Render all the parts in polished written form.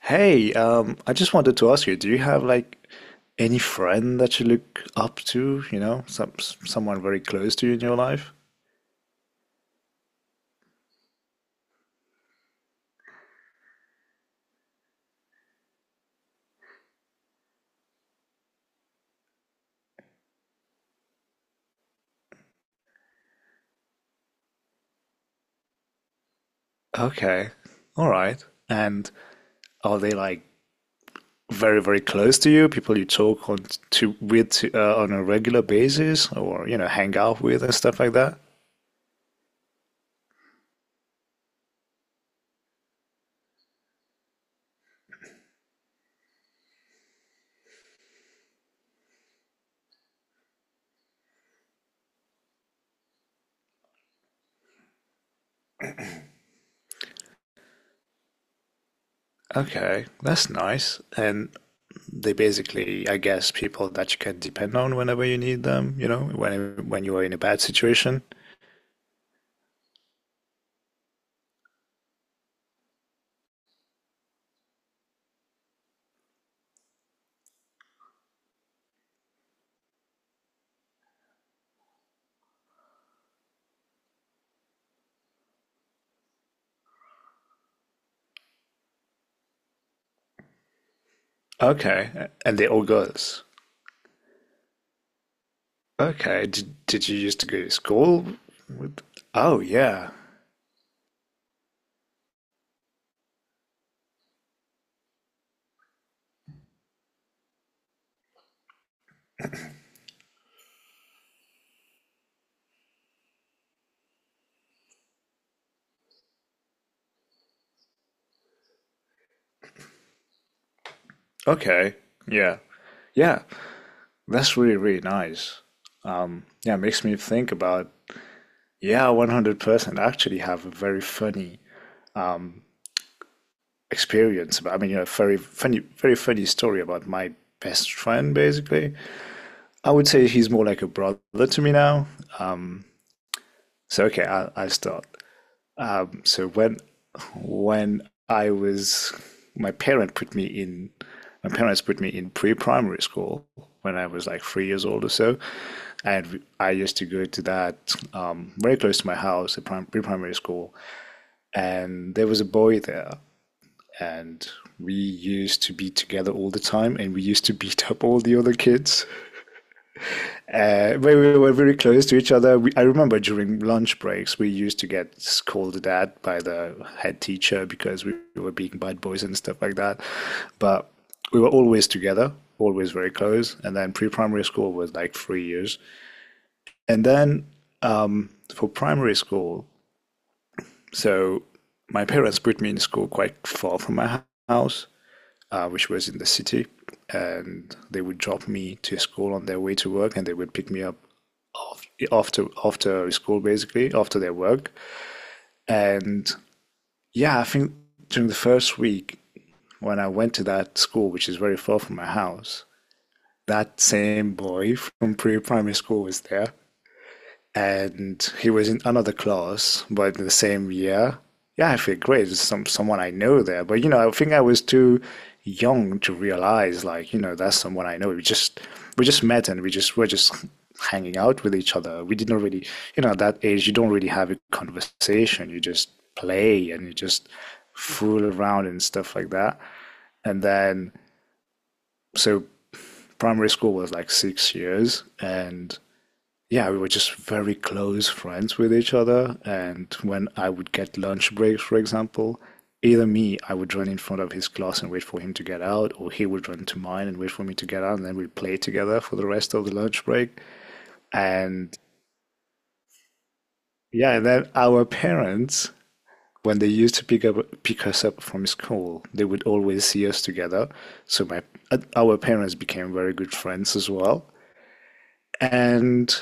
Hey, I just wanted to ask you, do you have like any friend that you look up to, you know, someone very close to you in your life? Okay. All right. And are they like very, very close to you, people you talk on to with on a regular basis or, you know, hang out with and stuff like that? Okay, that's nice. And they basically, I guess, people that you can depend on whenever you need them, you know, when you are in a bad situation. Okay, and they're all girls. Okay. Did you used to go to school with? Oh, yeah. Okay. Yeah. Yeah. That's really, really nice. Yeah, it makes me think yeah, 100% actually have a very funny experience about, I mean, you know, very funny story about my best friend, basically. I would say he's more like a brother to me now. So, okay, I'll start. So when I was my parent put me in my parents put me in pre-primary school when I was like 3 years old or so, and I used to go to that very close to my house, a pre-primary school, and there was a boy there, and we used to be together all the time, and we used to beat up all the other kids. We were very close to each other. I remember during lunch breaks, we used to get scolded at by the head teacher because we were being bad boys and stuff like that. But we were always together, always very close. And then pre primary school was like 3 years. And then for primary school, so my parents put me in school quite far from my house, which was in the city. And they would drop me to school on their way to work, and they would pick me up after school, basically after their work. And yeah, I think during the first week, when I went to that school, which is very far from my house, that same boy from pre-primary school was there, and he was in another class, but in the same year. Yeah, I feel great. There's someone I know there, but you know, I think I was too young to realize, like, you know, that's someone I know. We just met, and we just hanging out with each other. We didn't really, you know, at that age, you don't really have a conversation. You just play and you just fool around and stuff like that. And then, so primary school was like 6 years, and yeah, we were just very close friends with each other. And when I would get lunch breaks, for example, either me, I would run in front of his class and wait for him to get out, or he would run to mine and wait for me to get out, and then we'd play together for the rest of the lunch break. And yeah, and then our parents, when they used to pick us up from school, they would always see us together. So my our parents became very good friends as well. And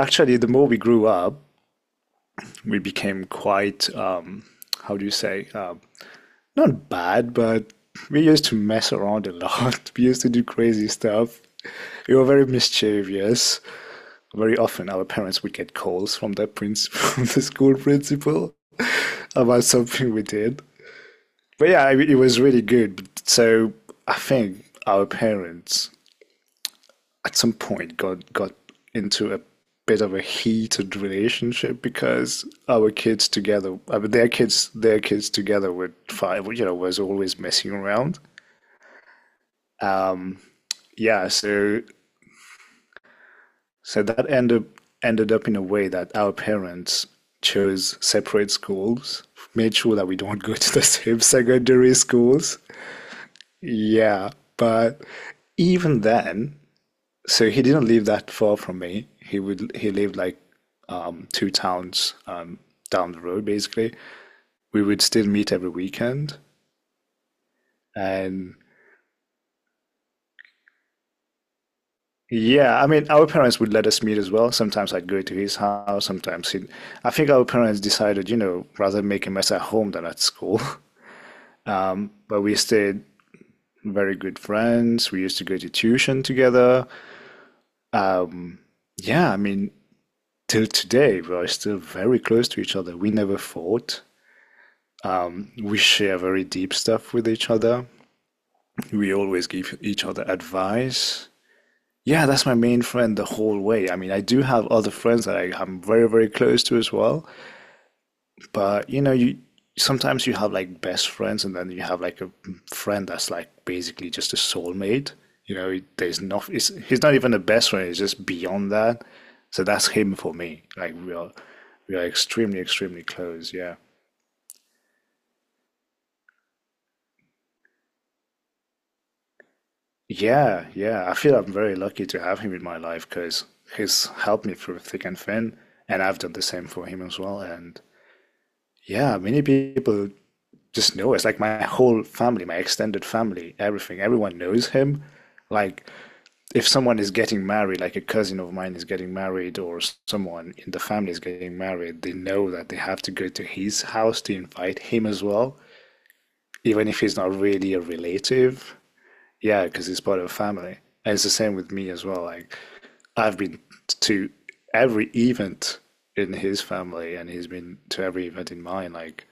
actually, the more we grew up, we became quite, how do you say, not bad, but we used to mess around a lot. We used to do crazy stuff. We were very mischievous. Very often, our parents would get calls from the prince, from the school principal, about something we did. But yeah, it was really good. So I think our parents at some point got into a bit of a heated relationship because our kids together, I mean, their kids together were five, you know, was always messing around. Um, yeah, so so that ended ended up in a way that our parents chose separate schools, made sure that we don't go to the same secondary schools. Yeah, but even then, so he didn't live that far from me. He lived like two towns down the road, basically. We would still meet every weekend, and yeah, I mean, our parents would let us meet as well. Sometimes I'd go to his house. Sometimes he. I think our parents decided, you know, rather make a mess at home than at school. But we stayed very good friends. We used to go to tuition together. Yeah, I mean, till today we are still very close to each other. We never fought. We share very deep stuff with each other. We always give each other advice. Yeah, that's my main friend the whole way. I mean, I do have other friends that I'm very, very close to as well. But you know, you sometimes you have like best friends, and then you have like a friend that's like basically just a soulmate. You know, there's not. He's not even a best friend. It's just beyond that. So that's him for me. We are extremely, extremely close. Yeah. Yeah, yeah. I feel I'm very lucky to have him in my life because he's helped me through thick and thin, and I've done the same for him as well. And yeah, many people just know us. Like my whole family, my extended family, everything, everyone knows him. Like if someone is getting married, like a cousin of mine is getting married, or someone in the family is getting married, they know that they have to go to his house to invite him as well, even if he's not really a relative. Yeah, because it's part of a family. And it's the same with me as well. Like I've been to every event in his family, and he's been to every event in mine. Like,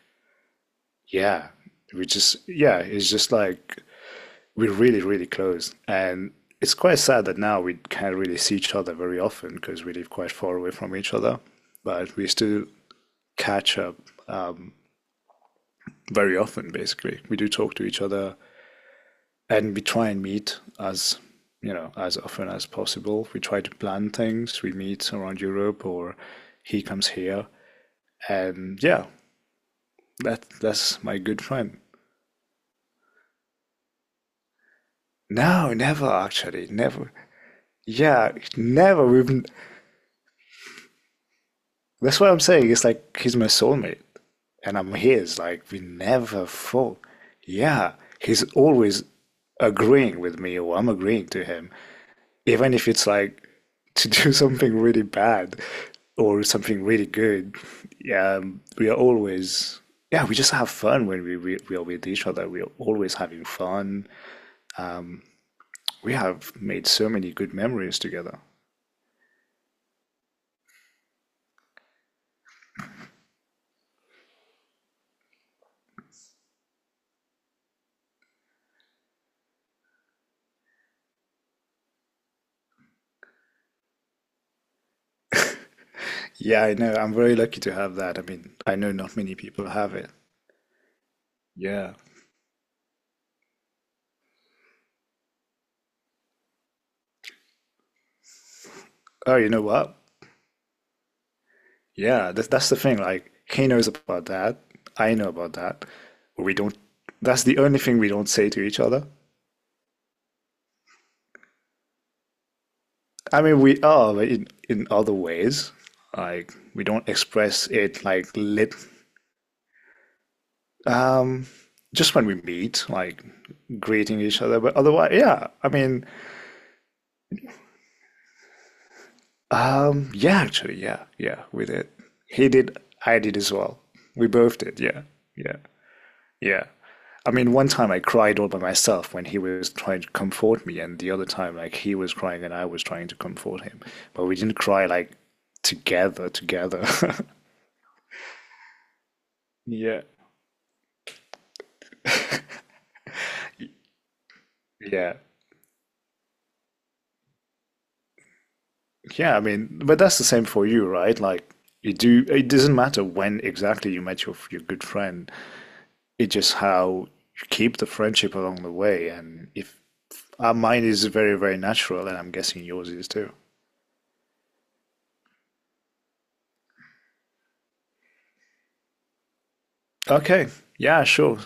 yeah, yeah, it's just like we're really, really close. And it's quite sad that now we can't really see each other very often because we live quite far away from each other. But we still catch up very often, basically. We do talk to each other, and we try and meet as, you know, as often as possible. We try to plan things. We meet around Europe, or he comes here, and yeah, that's my good friend. No, never actually, never. Yeah, never. We've. That's what I'm saying. It's like he's my soulmate, and I'm his. Like we never fought. Yeah, he's always agreeing with me, or I'm agreeing to him. Even if it's like to do something really bad or something really good, yeah, we are always, yeah, we just have fun when we are with each other. We are always having fun. We have made so many good memories together. Yeah, I know. I'm very lucky to have that. I mean, I know not many people have it. Yeah. Oh, you know what? Yeah, that's the thing. Like, he knows about that. I know about that. We don't, that's the only thing we don't say to each other. I mean, we are but in other ways. Like we don't express it like lit. Um, just when we meet, like greeting each other. But otherwise, yeah. I mean, yeah, actually, yeah, yeah. We did. He did. I did as well. We both did. Yeah, yeah, yeah. I mean, one time I cried all by myself when he was trying to comfort me, and the other time, like, he was crying and I was trying to comfort him. But we didn't cry like together, together. Yeah, yeah. Yeah, I mean, but that's the same for you, right? Like you do, it doesn't matter when exactly you met your good friend. It's just how you keep the friendship along the way. And if mine is very, very natural, and I'm guessing yours is too. Okay, yeah, sure.